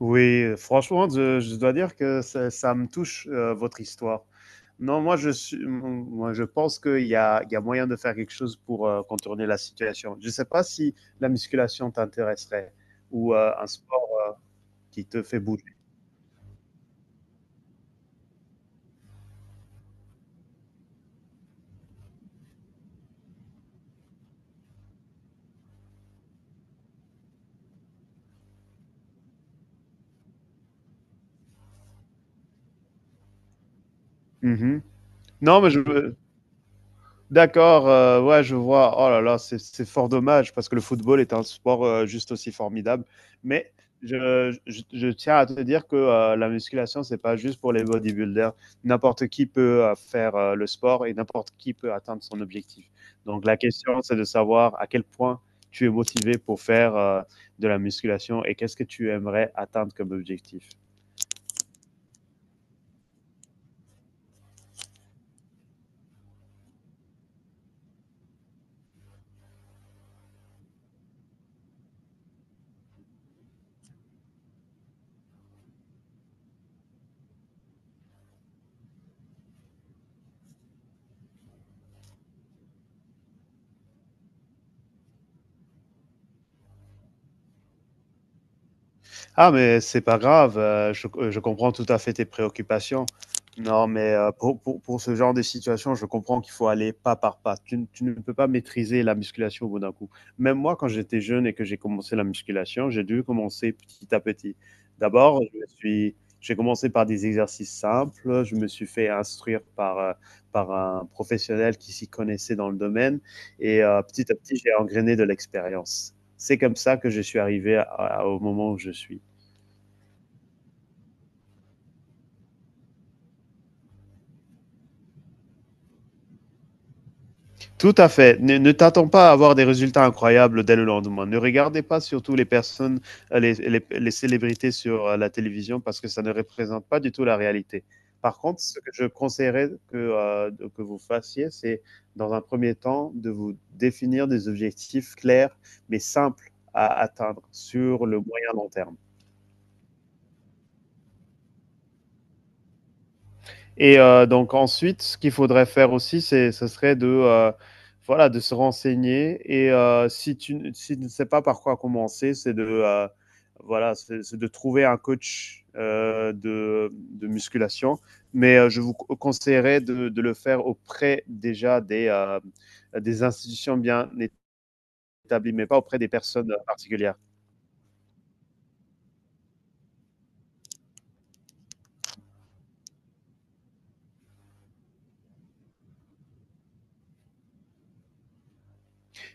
Oui, franchement, je dois dire que ça me touche, votre histoire. Non, moi, moi, je pense qu'il y a moyen de faire quelque chose pour contourner la situation. Je ne sais pas si la musculation t'intéresserait ou un sport qui te fait bouger. Mhm. Non, mais je, D'accord, ouais, je vois. Oh là là, c'est fort dommage parce que le football est un sport juste aussi formidable. Mais je tiens à te dire que la musculation, c'est pas juste pour les bodybuilders. N'importe qui peut faire le sport et n'importe qui peut atteindre son objectif. Donc la question, c'est de savoir à quel point tu es motivé pour faire de la musculation et qu'est-ce que tu aimerais atteindre comme objectif. Ah, mais c'est pas grave, je comprends tout à fait tes préoccupations. Non, mais pour ce genre de situation, je comprends qu'il faut aller pas par pas. Tu ne peux pas maîtriser la musculation au bout d'un coup. Même moi, quand j'étais jeune et que j'ai commencé la musculation, j'ai dû commencer petit à petit. D'abord, j'ai commencé par des exercices simples. Je me suis fait instruire par, par un professionnel qui s'y connaissait dans le domaine. Et petit à petit, j'ai engrainé de l'expérience. C'est comme ça que je suis au moment où je suis. Tout à fait. Ne t'attends pas à avoir des résultats incroyables dès le lendemain. Ne regardez pas surtout les personnes, les célébrités sur la télévision parce que ça ne représente pas du tout la réalité. Par contre, ce que je conseillerais que vous fassiez, c'est dans un premier temps de vous définir des objectifs clairs mais simples à atteindre sur le moyen long terme. Et donc ensuite, ce qu'il faudrait faire aussi, ce serait de, voilà, de se renseigner. Et si tu ne- si tu ne sais pas par quoi commencer, c'est de, voilà, c'est de trouver un coach de musculation. Mais je vous conseillerais de le faire auprès déjà des institutions bien établies, mais pas auprès des personnes particulières.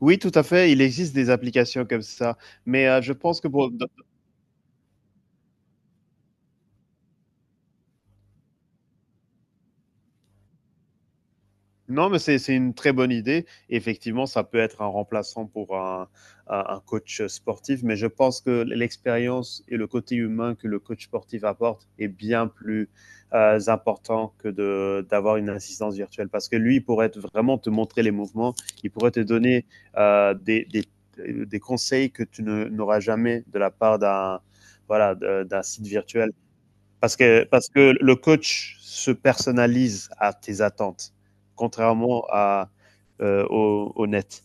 Oui, tout à fait. Il existe des applications comme ça. Mais je pense que pour, non, mais c'est une très bonne idée. Effectivement, ça peut être un remplaçant pour un, un coach sportif, mais je pense que l'expérience et le côté humain que le coach sportif apporte est bien plus important que de d'avoir une assistance virtuelle, parce que lui il pourrait vraiment te montrer les mouvements, il pourrait te donner euh, des, des, des conseils que tu ne- n'auras jamais de la part d'un voilà d'un site virtuel. Parce que le coach se personnalise à tes attentes, contrairement à, au net.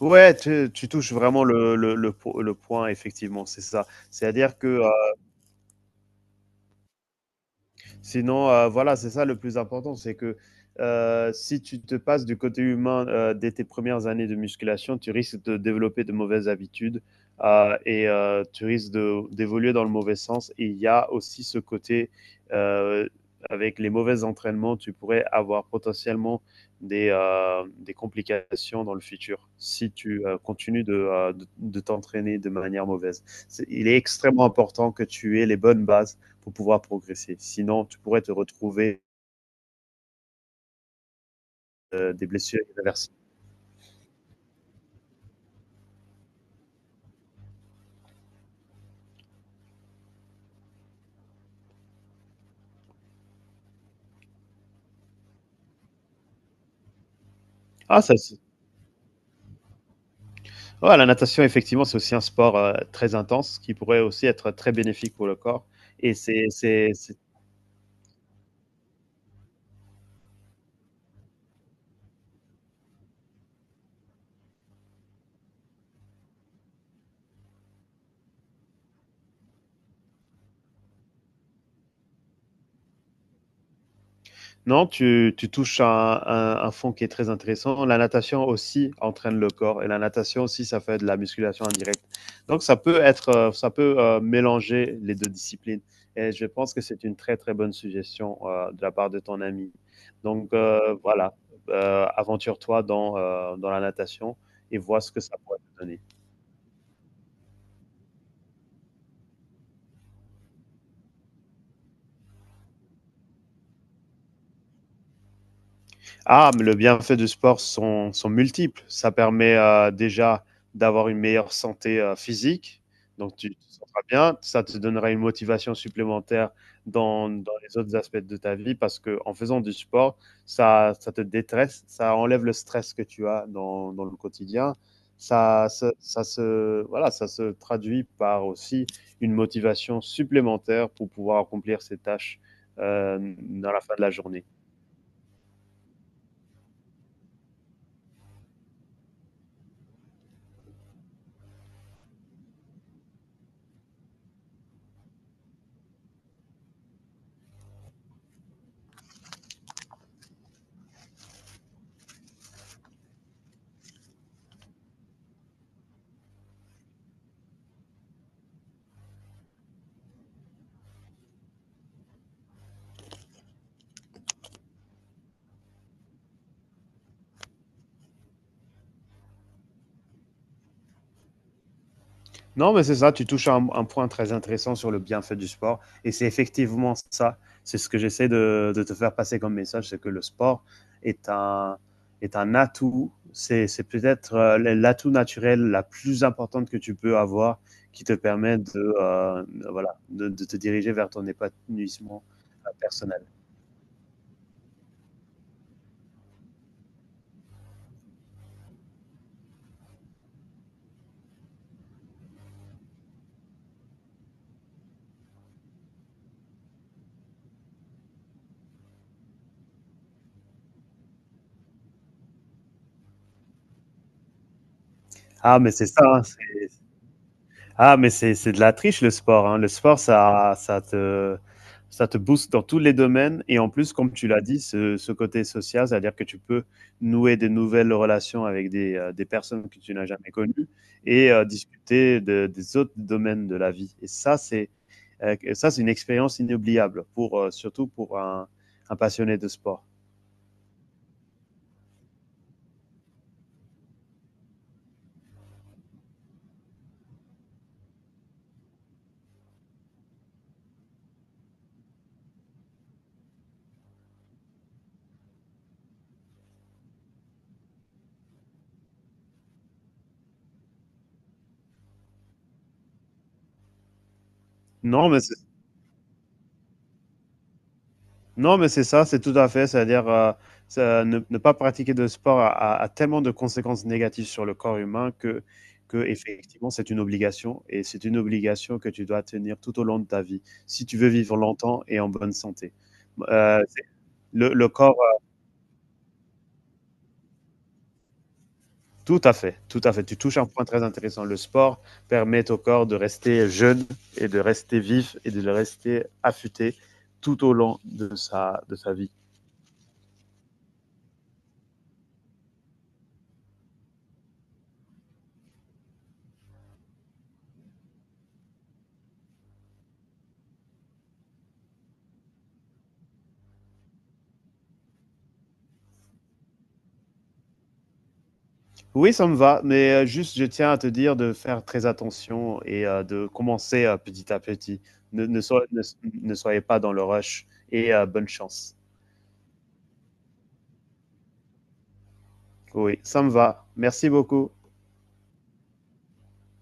Ouais, tu touches vraiment le point, effectivement, c'est ça. C'est-à-dire que sinon, voilà, c'est ça le plus important, c'est que si tu te passes du côté humain dès tes premières années de musculation, tu risques de développer de mauvaises habitudes tu risques d'évoluer dans le mauvais sens. Et il y a aussi ce côté, euh, avec les mauvais entraînements, tu pourrais avoir potentiellement des complications dans le futur si tu continues de, de t'entraîner de manière mauvaise. C'est- il est extrêmement important que tu aies les bonnes bases pour pouvoir progresser. Sinon, tu pourrais te retrouver des blessures irréversibles. Ah, ça, c'est- ouais, la natation, effectivement, c'est aussi un sport très intense qui pourrait aussi être très bénéfique pour le corps. Et c'est non, tu touches à un fond qui est très intéressant. La natation aussi entraîne le corps et la natation aussi, ça fait de la musculation indirecte. Donc, ça peut être, ça peut mélanger les deux disciplines. Et je pense que c'est une très, très bonne suggestion de la part de ton ami. Donc, voilà, aventure-toi dans, dans la natation et vois ce que ça pourrait te donner. Ah, mais le bienfait du sport sont multiples. Ça permet déjà d'avoir une meilleure santé physique, donc tu te sentiras bien. Ça te donnera une motivation supplémentaire dans les autres aspects de ta vie parce que en faisant du sport, ça te détresse, ça enlève le stress que tu as dans le quotidien. Voilà, ça se traduit par aussi une motivation supplémentaire pour pouvoir accomplir ses tâches dans la fin de la journée. Non, mais c'est ça, tu touches à un point très intéressant sur le bienfait du sport. Et c'est effectivement ça, c'est ce que j'essaie de te faire passer comme message, c'est que le sport est un, est un atout, c'est peut-être l'atout naturel la plus importante que tu peux avoir qui te permet de, voilà, de te diriger vers ton épanouissement personnel. Ah, mais c'est ça, hein, c'est ah, mais c'est de la triche le sport, hein. Le sport, ça ça te booste dans tous les domaines et en plus, comme tu l'as dit, ce côté social, c'est-à-dire que tu peux nouer des nouvelles relations avec des personnes que tu n'as jamais connues et discuter de des autres domaines de la vie et ça, c'est, c'est une expérience inoubliable pour, surtout pour un passionné de sport. Non, mais c'est Non, mais c'est ça, c'est tout à fait. C'est-à-dire ne pas pratiquer de sport a tellement de conséquences négatives sur le corps humain que effectivement, c'est une obligation et c'est une obligation que tu dois tenir tout au long de ta vie si tu veux vivre longtemps et en bonne santé. Euh, c'est- le corps, tout à fait, tout à fait. Tu touches un point très intéressant. Le sport permet au corps de rester jeune et de rester vif et de le rester affûté tout au long de de sa vie. Oui, ça me va, mais juste, je tiens à te dire de faire très attention et de commencer, petit à petit. Ne ne soy ne Ne soyez pas dans le rush et bonne chance. Oui, ça me va. Merci beaucoup.